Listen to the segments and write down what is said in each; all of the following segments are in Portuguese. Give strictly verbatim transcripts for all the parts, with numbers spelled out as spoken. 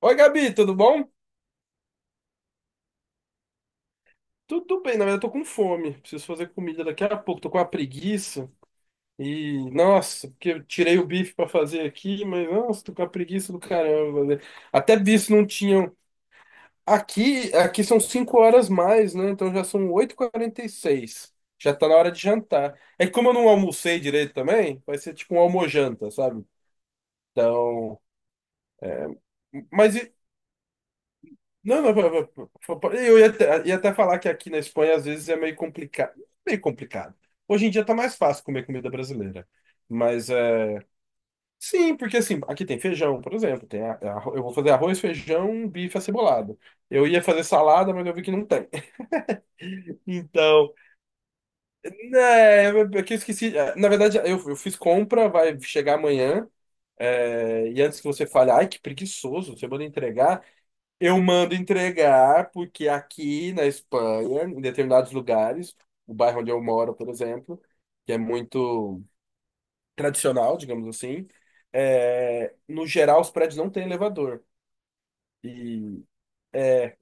Oi, Gabi, tudo bom? Tudo bem, na verdade eu tô com fome. Preciso fazer comida daqui a pouco, tô com uma preguiça. E, nossa, porque eu tirei o bife pra fazer aqui, mas, nossa, tô com a preguiça do caramba, né? Até bife não tinham. Aqui, aqui são cinco horas mais, né? Então já são oito e seis. Já tá na hora de jantar. É que como eu não almocei direito também, vai ser tipo um almojanta, sabe? Então. Mas e, não, não, pa- pa- pa- eu ia até, ia até falar que aqui na Espanha às vezes é meio complicado. Meio complicado. Hoje em dia tá mais fácil comer comida brasileira. Mas é. Sim, porque assim, aqui tem feijão, por exemplo. Tem a- a- eu vou fazer arroz, feijão, bife acebolado. Eu ia fazer salada, mas eu vi que não tem. Então, né, eu- é que esqueci. é, Na verdade, eu, eu fiz compra, vai chegar amanhã. é, e antes que você fale, ai, que preguiçoso, você manda entregar. Eu mando entregar, porque aqui na Espanha, em determinados lugares, o bairro onde eu moro, por exemplo, que é muito tradicional, digamos assim, é, no geral os prédios não têm elevador. E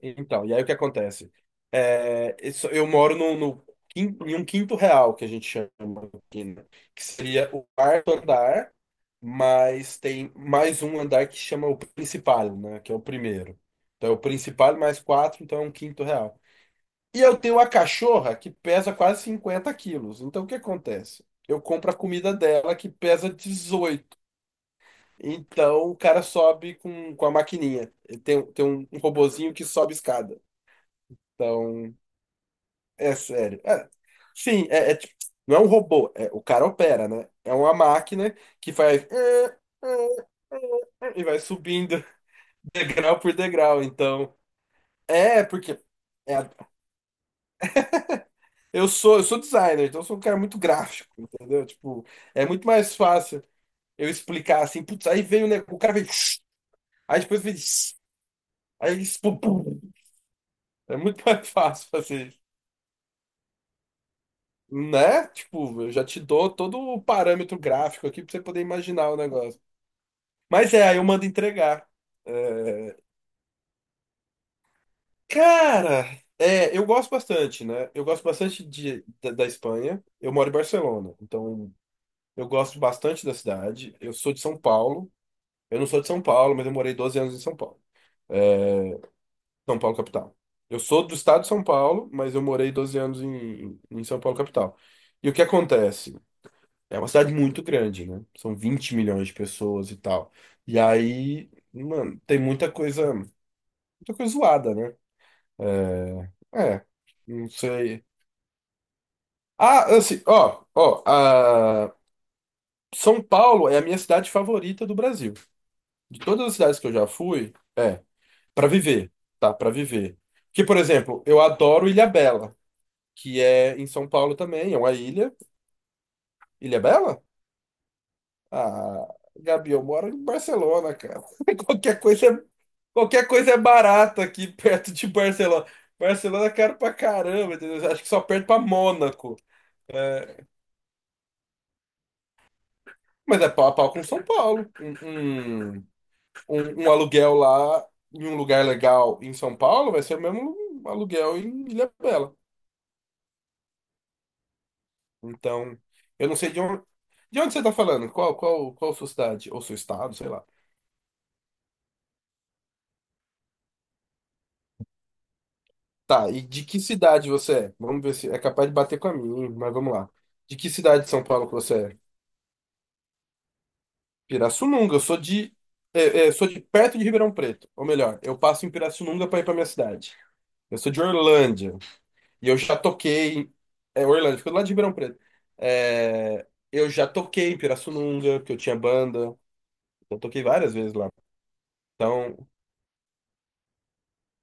então, e aí o que acontece? É, isso- eu moro no, no quin- em um quinto real, que a gente chama aqui, né? Que seria o quarto andar, mas tem mais um andar que chama o principal, né? Que é o primeiro. Então é o principal mais quatro, então é um quinto real. E eu tenho uma cachorra que pesa quase cinquenta quilos. Então o que acontece? Eu compro a comida dela que pesa dezoito. Então o cara sobe com, com a maquininha. Ele Tem, tem um, um robozinho que sobe escada. Então, é sério. É, sim, é, é tipo, não é um robô, é, o cara opera, né? É uma máquina que faz "Ah, ah", e vai subindo degrau por degrau. Então, é porque é, Eu sou, eu sou designer, então eu sou um cara muito gráfico, entendeu? Tipo, é muito mais fácil eu explicar assim, putz, aí veio, né? O cara veio, aí depois veio, aí eles, pum, pum. É muito mais fácil fazer isso, né? Tipo, eu já te dou todo o parâmetro gráfico aqui pra você poder imaginar o negócio. Mas é, aí eu mando entregar. É, cara, é, eu gosto bastante, né? Eu gosto bastante de, da, da Espanha. Eu moro em Barcelona, então eu gosto bastante da cidade. Eu sou de São Paulo. Eu não sou de São Paulo, mas eu morei doze anos em São Paulo. É, São Paulo, capital. Eu sou do estado de São Paulo, mas eu morei doze anos em, em São Paulo, capital. E o que acontece? É uma cidade muito grande, né? São vinte milhões de pessoas e tal. E aí, mano, tem muita coisa, muita coisa zoada, né? É, é, não sei. Ah, assim, ó, ó, a- São Paulo é a minha cidade favorita do Brasil. De todas as cidades que eu já fui, é. Para viver, tá? Para viver. Que, por exemplo, eu adoro Ilhabela, que é em São Paulo também, é uma ilha. Ilhabela? Ah, Gabi, eu moro em Barcelona, cara. Qualquer coisa é, qualquer coisa é barata aqui perto de Barcelona. Barcelona é caro pra caramba, entendeu? Acho que só perto pra Mônaco. É, mas é pau a pau com São Paulo. Um, um, um- um aluguel lá em um lugar legal em São Paulo vai ser o mesmo aluguel em Ilhabela. Então, eu não sei de onde, de onde você está falando, qual, qual, qual sua cidade, ou seu estado, sei lá. Tá, e de que cidade você é? Vamos ver se é capaz de bater com a minha, mas vamos lá. De que cidade de São Paulo que você é? Pirassununga, eu sou de, é, é, sou de perto de Ribeirão Preto, ou melhor, eu passo em Pirassununga para ir para minha cidade. Eu sou de Orlândia, e eu já toquei, em- é, Orlândia fica do lado de Ribeirão Preto. É, eu já toquei em Pirassununga, porque eu tinha banda, eu toquei várias vezes lá. Então,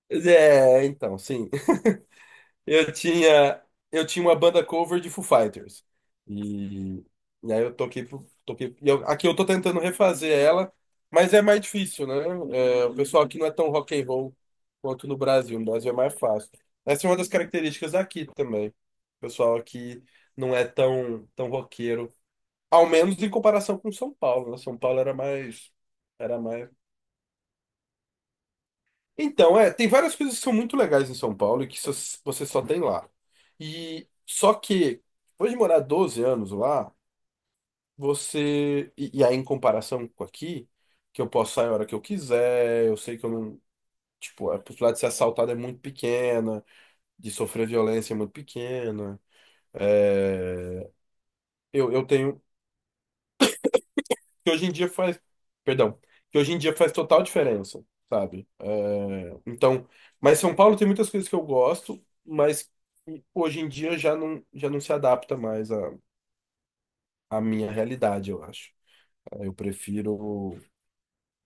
é, então, sim. Eu tinha, eu tinha uma banda cover de Foo Fighters. E, e aí eu toquei, pro- toquei e eu- aqui eu tô tentando refazer ela, mas é mais difícil, né? É, o pessoal aqui não é tão rock and roll quanto no Brasil. No Brasil é mais fácil. Essa é uma das características aqui também. O pessoal aqui não é tão, tão roqueiro, ao menos em comparação com São Paulo, né? São Paulo era mais, era mais então, é, tem várias coisas que são muito legais em São Paulo e que só- você só tem lá. E só que, depois de morar doze anos lá, você. E, e aí, em comparação com aqui, que eu posso sair a hora que eu quiser, eu sei que eu não. Tipo, a possibilidade de ser assaltado é muito pequena, de sofrer violência é muito pequena. É, eu, eu tenho. que hoje em dia faz, perdão, que hoje em dia faz total diferença, sabe? É, então, mas São Paulo tem muitas coisas que eu gosto, mas que hoje em dia já não, já não se adapta mais à, à minha realidade, eu acho. Eu prefiro,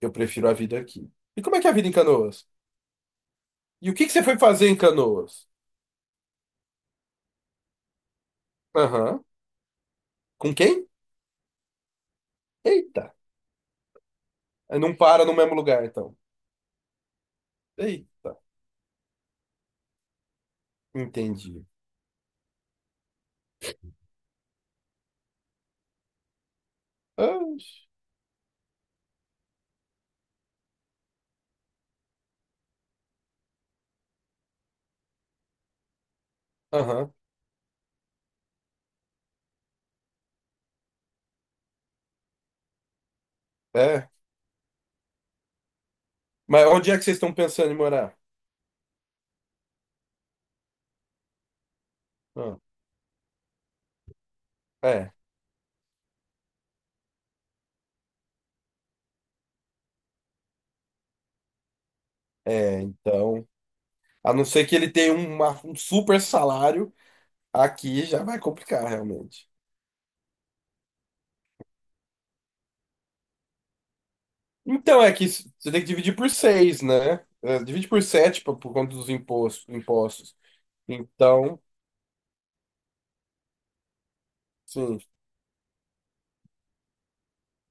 eu prefiro a vida aqui. E como é que é a vida em Canoas? E o que que você foi fazer em Canoas? Aham. Com quem? Eita. Não para no mesmo lugar, então. Eita. Entendi. Ah, aham. É. Mas onde é que vocês estão pensando em morar? Ah, é. É, então, a não ser que ele tenha um, uma- um super salário, aqui já vai complicar, realmente. Então, é que s- você tem que dividir por seis, né? É, divide por sete por, por conta dos impostos, impostos. Então, sim.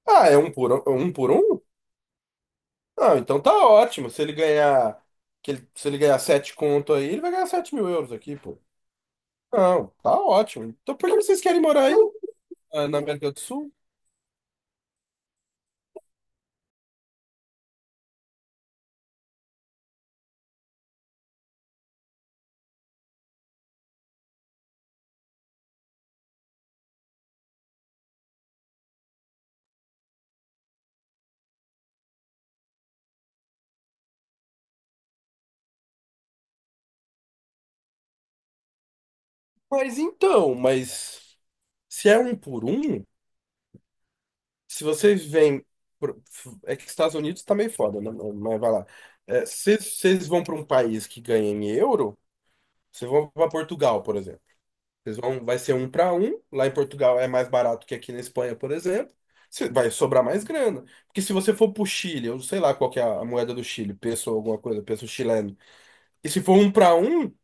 Ah, é um por um? É um por um? Ah, então tá ótimo. Se ele ganhar, que ele- se ele ganhar sete conto aí, ele vai ganhar sete mil euros aqui, pô. Não, tá ótimo. Então, por que vocês querem morar aí, ah, na América do Sul? Mas então, mas se é um por um. Se vocês vêm. Pro- É que Estados Unidos tá meio foda, né? Mas vai lá. É, se vocês vão para um país que ganha em euro, vocês vão para Portugal, por exemplo. Vocês vão, vai ser um para um. Lá em Portugal é mais barato que aqui na Espanha, por exemplo. Cê- vai sobrar mais grana. Porque se você for pro Chile, eu sei lá qual que é a moeda do Chile, peso ou alguma coisa, peso chileno. E se for um para um,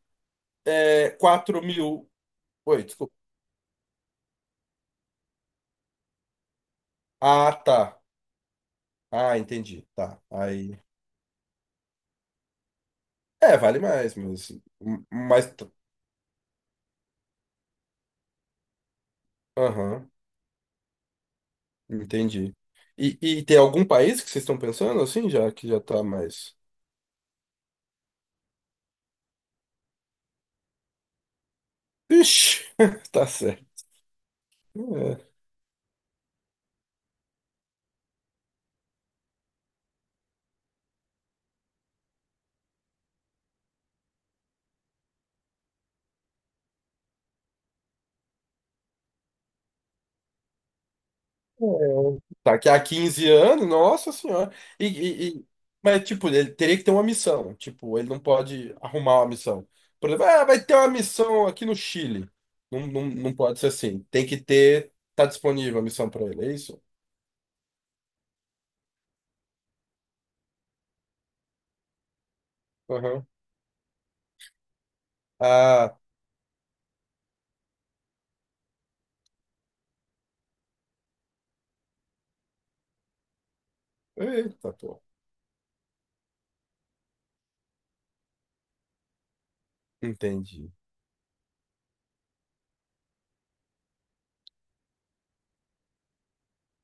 é quatro mil. Oi, desculpa. Ah, tá. Ah, entendi. Tá. Aí. É, vale mais, mas. Mas. Aham. Entendi. E, e tem algum país que vocês estão pensando assim, já que já tá mais. Ixi, tá certo. É. É. Tá aqui há quinze anos, nossa senhora. E, e- e- Mas, tipo, ele teria que ter uma missão. Tipo, ele não pode arrumar uma missão. Por exemplo, ah, vai ter uma missão aqui no Chile. Não, não, não pode ser assim. Tem que ter. Tá disponível a missão pra ele, é isso? Aham. Ah, eita, pô. Entendi.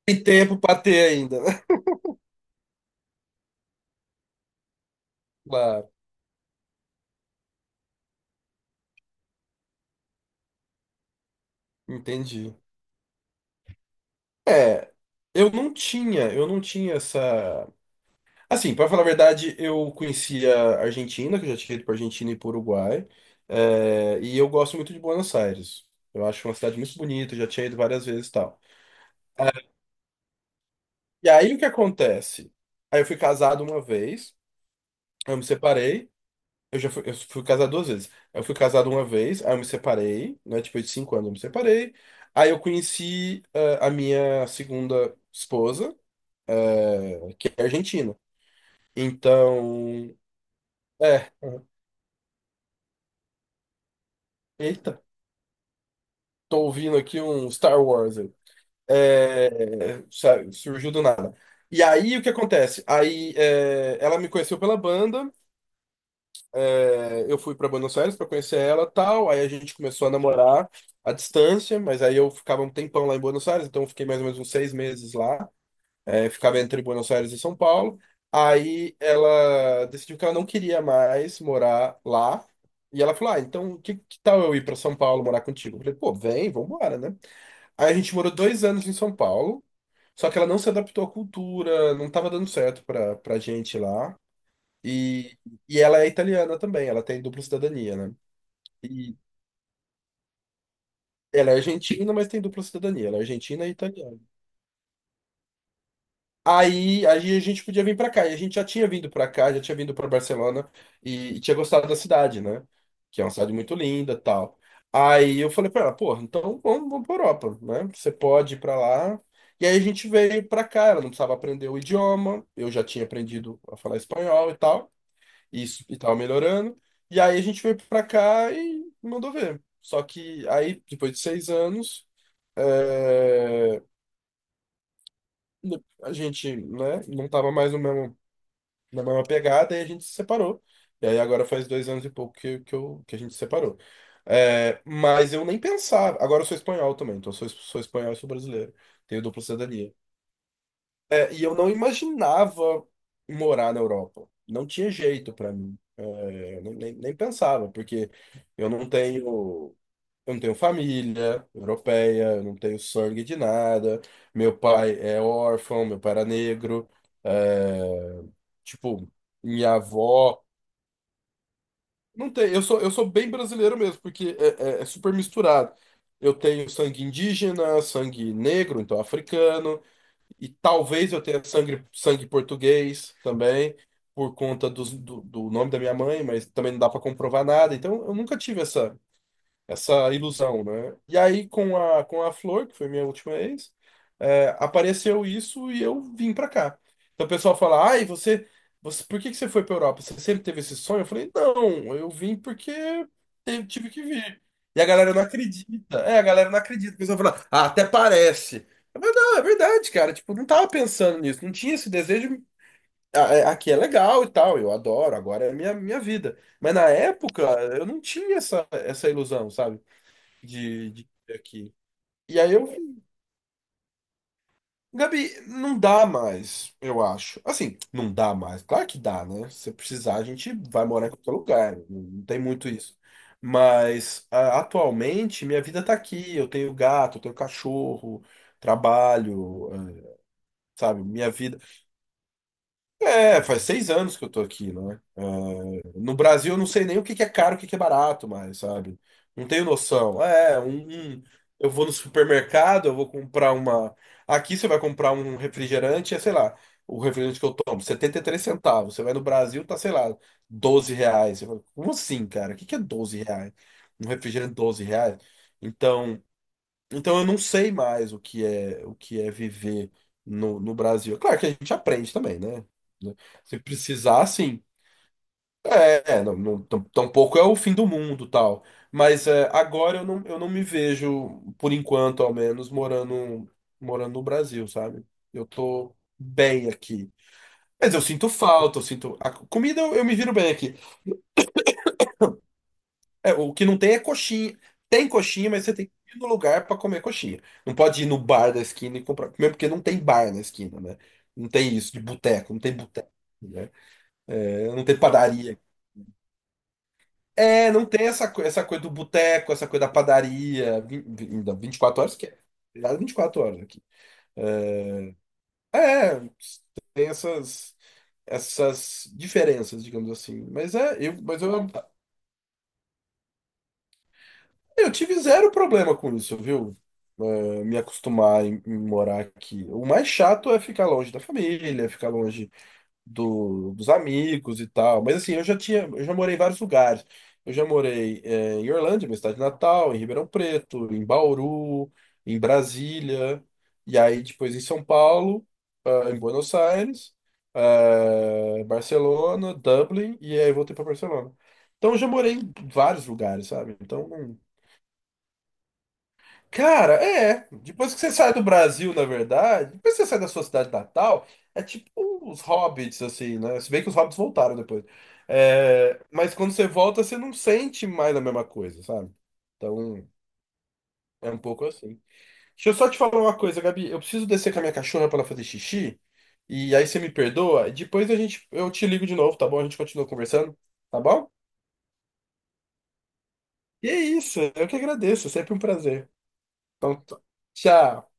Tem tempo pra ter ainda, né? Claro, entendi. É, eu não tinha, eu não tinha essa. Assim, para falar a verdade, eu conhecia a Argentina, que eu já tinha ido para Argentina e para Uruguai, é, e eu gosto muito de Buenos Aires. Eu acho uma cidade muito bonita, eu já tinha ido várias vezes e tal. Eh, E aí o que acontece? Aí eu fui casado uma vez, aí eu me separei. Eu já fui, eu fui casado duas vezes. Eu fui casado uma vez, aí eu me separei, né? Depois de cinco anos eu me separei. Aí eu conheci eh, a minha segunda esposa, eh, que é argentina. Então, é, eita, tô ouvindo aqui um Star Wars aí. É, sabe, surgiu do nada. E aí, o que acontece? Aí, é, ela me conheceu pela banda, é, eu fui pra Buenos Aires pra conhecer ela, tal. Aí a gente começou a namorar à distância, mas aí eu ficava um tempão lá em Buenos Aires, então eu fiquei mais ou menos uns seis meses lá. É, ficava entre Buenos Aires e São Paulo. Aí ela decidiu que ela não queria mais morar lá. E ela falou: "Ah, então que, que tal eu ir para São Paulo morar contigo?" Eu falei: "Pô, vem, vambora, né?" Aí a gente morou dois anos em São Paulo, só que ela não se adaptou à cultura, não tava dando certo pra, pra gente lá. E, e ela é italiana também, ela tem dupla cidadania, né? E ela é argentina, mas tem dupla cidadania, ela é argentina e italiana. Aí, aí a gente podia vir pra cá. E a gente já tinha vindo pra cá, já tinha vindo pra Barcelona e, e tinha gostado da cidade, né? Que é uma cidade muito linda, tal. Aí eu falei pra ela, porra, então vamos, vamos pra Europa, né? Você pode ir pra lá. E aí a gente veio pra cá, ela não precisava aprender o idioma, eu já tinha aprendido a falar espanhol e tal, e isso e tava melhorando. E aí a gente veio pra cá e mandou ver. Só que aí, depois de seis anos, é, a gente, né, não tava mais no mesmo na mesma pegada, e a gente se separou. E aí agora faz dois anos e pouco que, que, eu, que a gente se separou. É, mas eu nem pensava. Agora eu sou espanhol também, então eu sou, sou espanhol e sou brasileiro. Tenho dupla cidadania. É, e eu não imaginava morar na Europa. Não tinha jeito pra mim. É, nem, nem, nem pensava, porque eu não tenho. Eu não tenho família europeia, eu não tenho sangue de nada. Meu pai é órfão, meu pai era negro. É, tipo, minha avó. Não tem, eu sou, eu sou bem brasileiro mesmo, porque é, é- é super misturado. Eu tenho sangue indígena, sangue negro, então africano, e talvez eu tenha sangue, sangue português também, por conta dos- do, do nome da minha mãe, mas também não dá para comprovar nada. Então eu nunca tive essa essa ilusão, né? E aí com a com a Flor, que foi minha última ex, é, apareceu isso e eu vim pra cá. Então o pessoal fala: "Ai, você, você, por que que você foi pra Europa? Você sempre teve esse sonho?" Eu falei: "Não, eu vim porque te- tive que vir." E a galera não acredita. É, a galera não acredita. O pessoal fala: "Ah, até parece." Mas não, é verdade, cara. Tipo, não tava pensando nisso, não tinha esse desejo. Ah, é- Aqui é legal e tal, eu adoro, agora é minha, minha vida. Mas na época eu não tinha essa, essa ilusão, sabe? de, de aqui. E aí eu, Gabi, não dá mais, eu acho. Assim, não dá mais. Claro que dá, né? Se precisar, a gente vai morar em qualquer lugar. Não não tem muito isso. Mas a- atualmente minha vida tá aqui. Eu tenho gato, eu tenho cachorro, trabalho, eh, sabe? Minha vida é, faz seis anos que eu tô aqui, né? É, no Brasil eu não sei nem o que que é caro, o que que é barato mais, sabe? Não tenho noção. É, um, um- eu vou no supermercado, eu vou comprar uma. Aqui você vai comprar um refrigerante, é, sei lá, o refrigerante que eu tomo, setenta e três centavos. Você vai no Brasil, tá, sei lá, doze reais. Você fala, como assim, cara? O que que é doze reais? Um refrigerante doze reais? Então. Então eu não sei mais o que é o que é viver no, no Brasil. É claro que a gente aprende também, né? Né? Se precisar, sim. É, é, não, não, tam- tampouco é o fim do mundo, tal. Mas é, agora eu não, eu não me vejo, por enquanto, ao menos, morando, morando no Brasil, sabe? Eu tô bem aqui. Mas eu sinto falta, eu sinto. A comida eu, eu me viro bem aqui. É, o que não tem é coxinha. Tem coxinha, mas você tem que ir no lugar para comer coxinha. Não pode ir no bar da esquina e comprar. Primeiro porque não tem bar na esquina, né? Não tem isso de boteco, não tem boteco, né? É, não tem padaria. É, não tem essa, co- essa coisa do boteco, essa coisa da padaria, vin- vin- ainda vinte e quatro horas que é. Virada vinte e quatro horas aqui. É, é, tem essas, essas diferenças, digamos assim. Mas é, eu, mas eu Eu tive zero problema com isso, viu? Eh, me acostumar em, em morar aqui. O mais chato é ficar longe da família, ficar longe do- dos amigos e tal. Mas assim, eu já tinha, eu já morei em vários lugares. Eu já morei, eh, em Orlândia, minha cidade natal, em Ribeirão Preto, em Bauru, em Brasília, e aí depois em São Paulo, ah, em Buenos Aires, eh, Barcelona, Dublin, e aí voltei para Barcelona. Então eu já morei em vários lugares, sabe? Então cara, é. Depois que você sai do Brasil, na verdade, depois que você sai da sua cidade natal, é tipo os hobbits, assim, né? Se bem que os hobbits voltaram depois. É, mas quando você volta, você não sente mais a mesma coisa, sabe? Então, é um pouco assim. Deixa eu só te falar uma coisa, Gabi. Eu preciso descer com a minha cachorra pra ela fazer xixi. E aí você me perdoa. E depois a gente, eu te ligo de novo, tá bom? A gente continua conversando, tá bom? E é isso. Eu que agradeço. É sempre um prazer. Então, t- tchau.